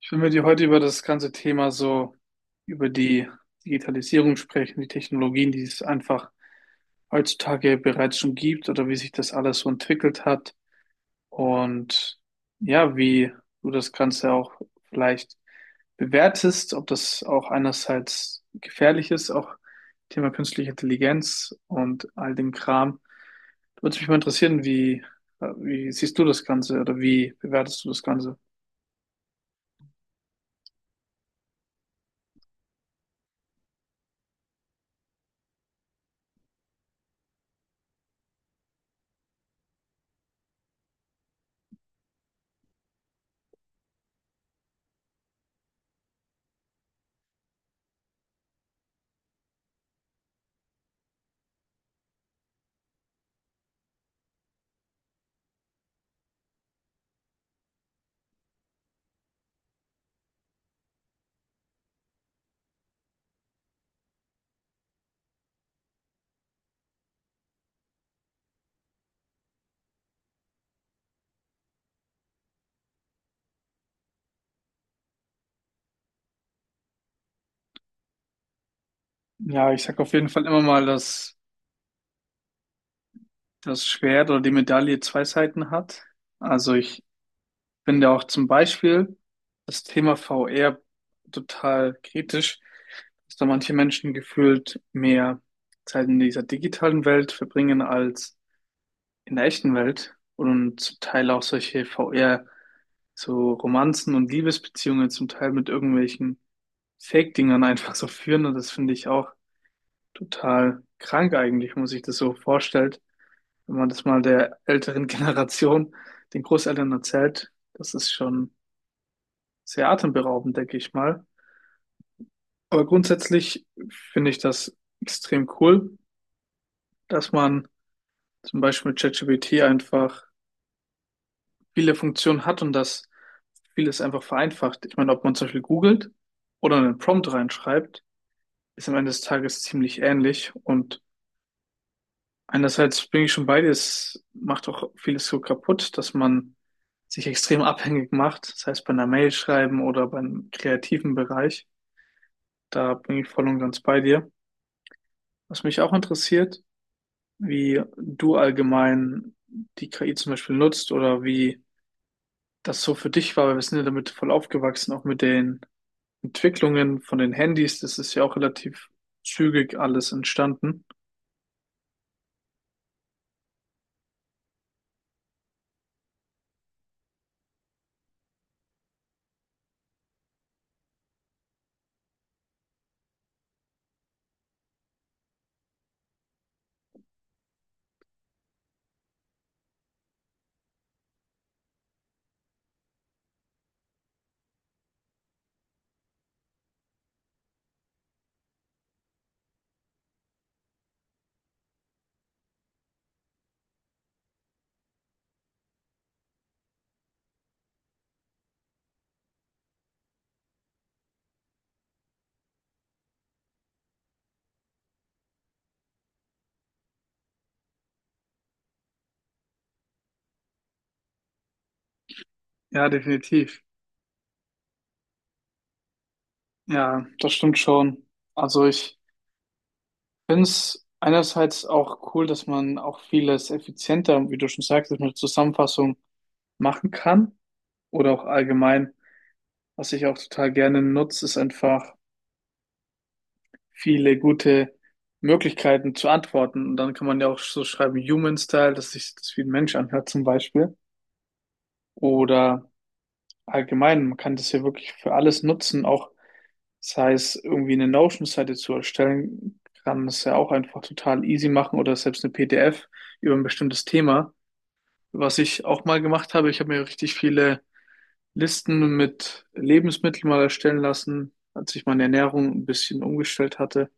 Ich will mit dir heute über das ganze Thema so, über die Digitalisierung sprechen, die Technologien, die es einfach heutzutage bereits schon gibt oder wie sich das alles so entwickelt hat. Und ja, wie du das Ganze auch vielleicht bewertest, ob das auch einerseits gefährlich ist, auch Thema künstliche Intelligenz und all dem Kram. Da würde mich mal interessieren, wie siehst du das Ganze oder wie bewertest du das Ganze? Ja, ich sag auf jeden Fall immer mal, dass das Schwert oder die Medaille zwei Seiten hat. Also ich finde auch zum Beispiel das Thema VR total kritisch, dass da manche Menschen gefühlt mehr Zeit in dieser digitalen Welt verbringen als in der echten Welt und zum Teil auch solche VR, so Romanzen und Liebesbeziehungen zum Teil mit irgendwelchen Fake-Dingern einfach so führen, und das finde ich auch total krank eigentlich, wenn man sich das so vorstellt. Wenn man das mal der älteren Generation, den Großeltern erzählt, das ist schon sehr atemberaubend, denke ich mal. Aber grundsätzlich finde ich das extrem cool, dass man zum Beispiel mit ChatGPT einfach viele Funktionen hat und dass vieles einfach vereinfacht. Ich meine, ob man zum Beispiel googelt oder einen Prompt reinschreibt, ist am Ende des Tages ziemlich ähnlich. Und einerseits bin ich schon bei dir, es macht auch vieles so kaputt, dass man sich extrem abhängig macht, das heißt bei einer Mail schreiben oder beim kreativen Bereich. Da bin ich voll und ganz bei dir. Was mich auch interessiert, wie du allgemein die KI zum Beispiel nutzt oder wie das so für dich war, weil wir sind ja damit voll aufgewachsen, auch mit den Entwicklungen von den Handys, das ist ja auch relativ zügig alles entstanden. Ja, definitiv. Ja, das stimmt schon. Also ich finde es einerseits auch cool, dass man auch vieles effizienter, wie du schon sagst, dass man eine Zusammenfassung machen kann oder auch allgemein, was ich auch total gerne nutze, ist einfach viele gute Möglichkeiten zu antworten. Und dann kann man ja auch so schreiben, Human Style, dass sich das wie ein Mensch anhört zum Beispiel. Oder allgemein, man kann das ja wirklich für alles nutzen, auch sei es irgendwie eine Notion-Seite zu erstellen, kann es ja auch einfach total easy machen oder selbst eine PDF über ein bestimmtes Thema. Was ich auch mal gemacht habe, ich habe mir richtig viele Listen mit Lebensmitteln mal erstellen lassen, als ich meine Ernährung ein bisschen umgestellt hatte.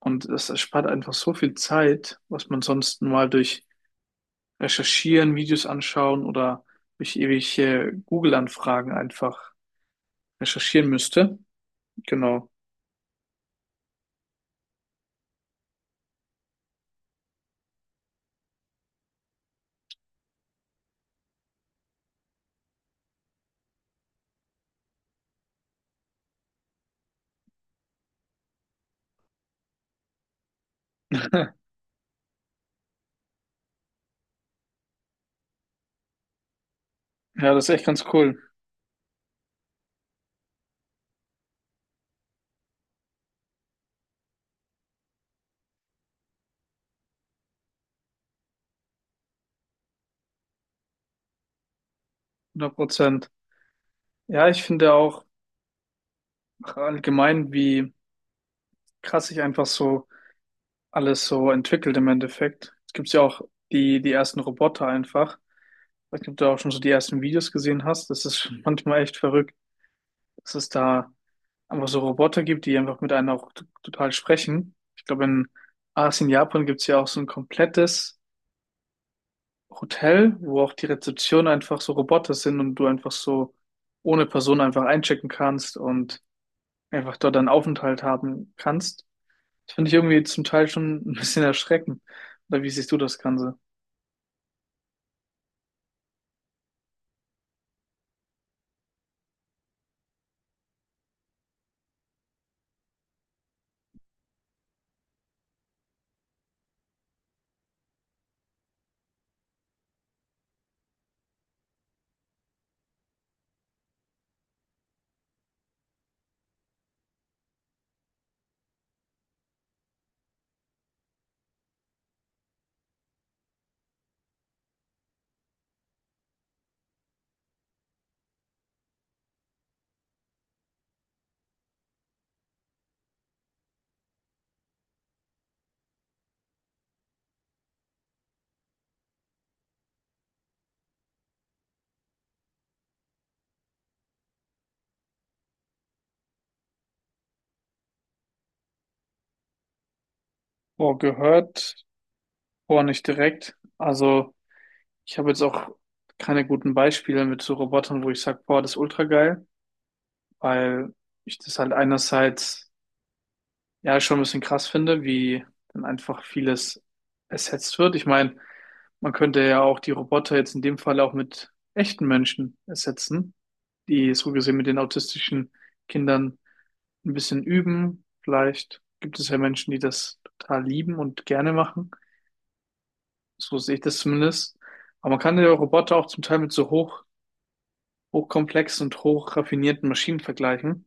Und das erspart einfach so viel Zeit, was man sonst mal durch Recherchieren, Videos anschauen oder durch ewige Google-Anfragen einfach recherchieren müsste. Genau. Ja, das ist echt ganz cool. 100%. Ja, ich finde auch allgemein, wie krass sich einfach so alles so entwickelt im Endeffekt. Es gibt ja auch die ersten Roboter einfach. Ich weiß nicht, ob du auch schon so die ersten Videos gesehen hast. Das ist schon manchmal echt verrückt, dass es da einfach so Roboter gibt, die einfach mit einem auch total sprechen. Ich glaube, in Asien, Japan gibt's ja auch so ein komplettes Hotel, wo auch die Rezeption einfach so Roboter sind und du einfach so ohne Person einfach einchecken kannst und einfach dort einen Aufenthalt haben kannst. Das finde ich irgendwie zum Teil schon ein bisschen erschreckend. Oder wie siehst du das Ganze? Boah, gehört, boah, nicht direkt. Also, ich habe jetzt auch keine guten Beispiele mit so Robotern, wo ich sage, boah, das ist ultra geil. Weil ich das halt einerseits ja schon ein bisschen krass finde, wie dann einfach vieles ersetzt wird. Ich meine, man könnte ja auch die Roboter jetzt in dem Fall auch mit echten Menschen ersetzen, die so gesehen mit den autistischen Kindern ein bisschen üben. Vielleicht gibt es ja Menschen, die das total lieben und gerne machen. So sehe ich das zumindest. Aber man kann ja Roboter auch zum Teil mit so hochkomplexen und hochraffinierten Maschinen vergleichen.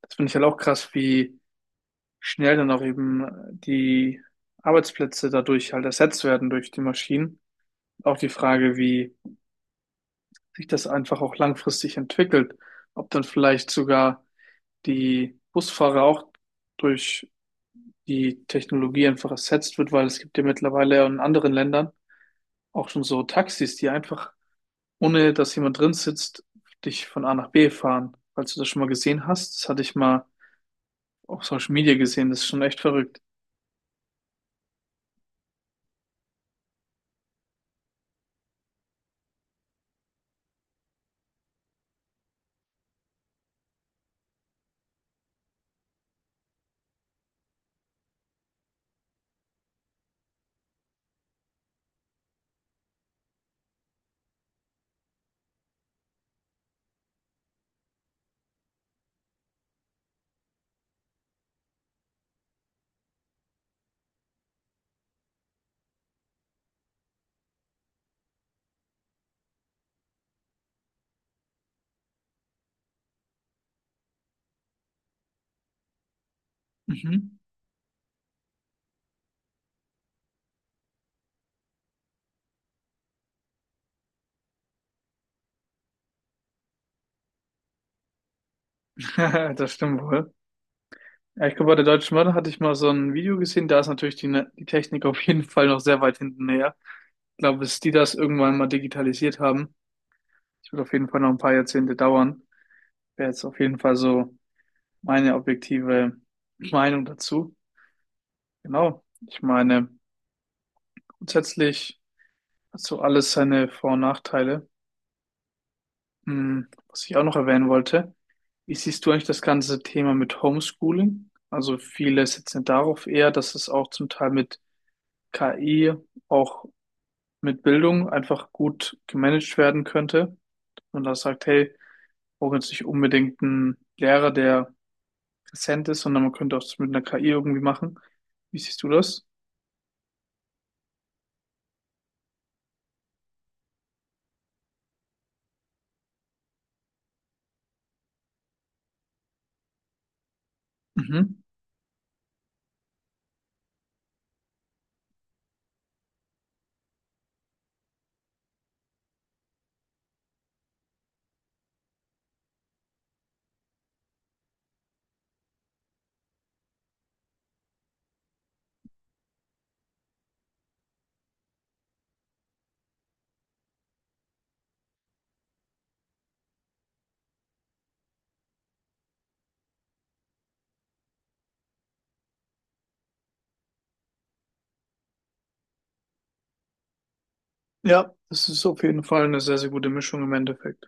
Das finde ich halt auch krass, wie schnell dann auch eben die Arbeitsplätze dadurch halt ersetzt werden durch die Maschinen. Auch die Frage, wie sich das einfach auch langfristig entwickelt, ob dann vielleicht sogar die Busfahrer auch durch die Technologie einfach ersetzt wird, weil es gibt ja mittlerweile in anderen Ländern auch schon so Taxis, die einfach, ohne dass jemand drin sitzt, dich von A nach B fahren. Falls du das schon mal gesehen hast, das hatte ich mal auf Social Media gesehen, das ist schon echt verrückt. Mhm. Das stimmt wohl. Ja, ich glaube, bei der Deutschen Bahn hatte ich mal so ein Video gesehen, da ist natürlich die Technik auf jeden Fall noch sehr weit hinten her. Ich glaube, bis die das irgendwann mal digitalisiert haben, das wird auf jeden Fall noch ein paar Jahrzehnte dauern. Wäre jetzt auf jeden Fall so meine objektive Meinung dazu. Genau. Ich meine, grundsätzlich hat so alles seine Vor- und Nachteile. Hm, was ich auch noch erwähnen wollte, wie siehst du eigentlich das ganze Thema mit Homeschooling? Also viele setzen darauf eher, dass es auch zum Teil mit KI auch mit Bildung einfach gut gemanagt werden könnte. Und da sagt, hey, wir brauchen jetzt nicht unbedingt einen Lehrer, der präsent ist, sondern man könnte auch das mit einer KI irgendwie machen. Wie siehst du das? Mhm. Ja, das ist auf jeden Fall eine sehr, sehr gute Mischung im Endeffekt.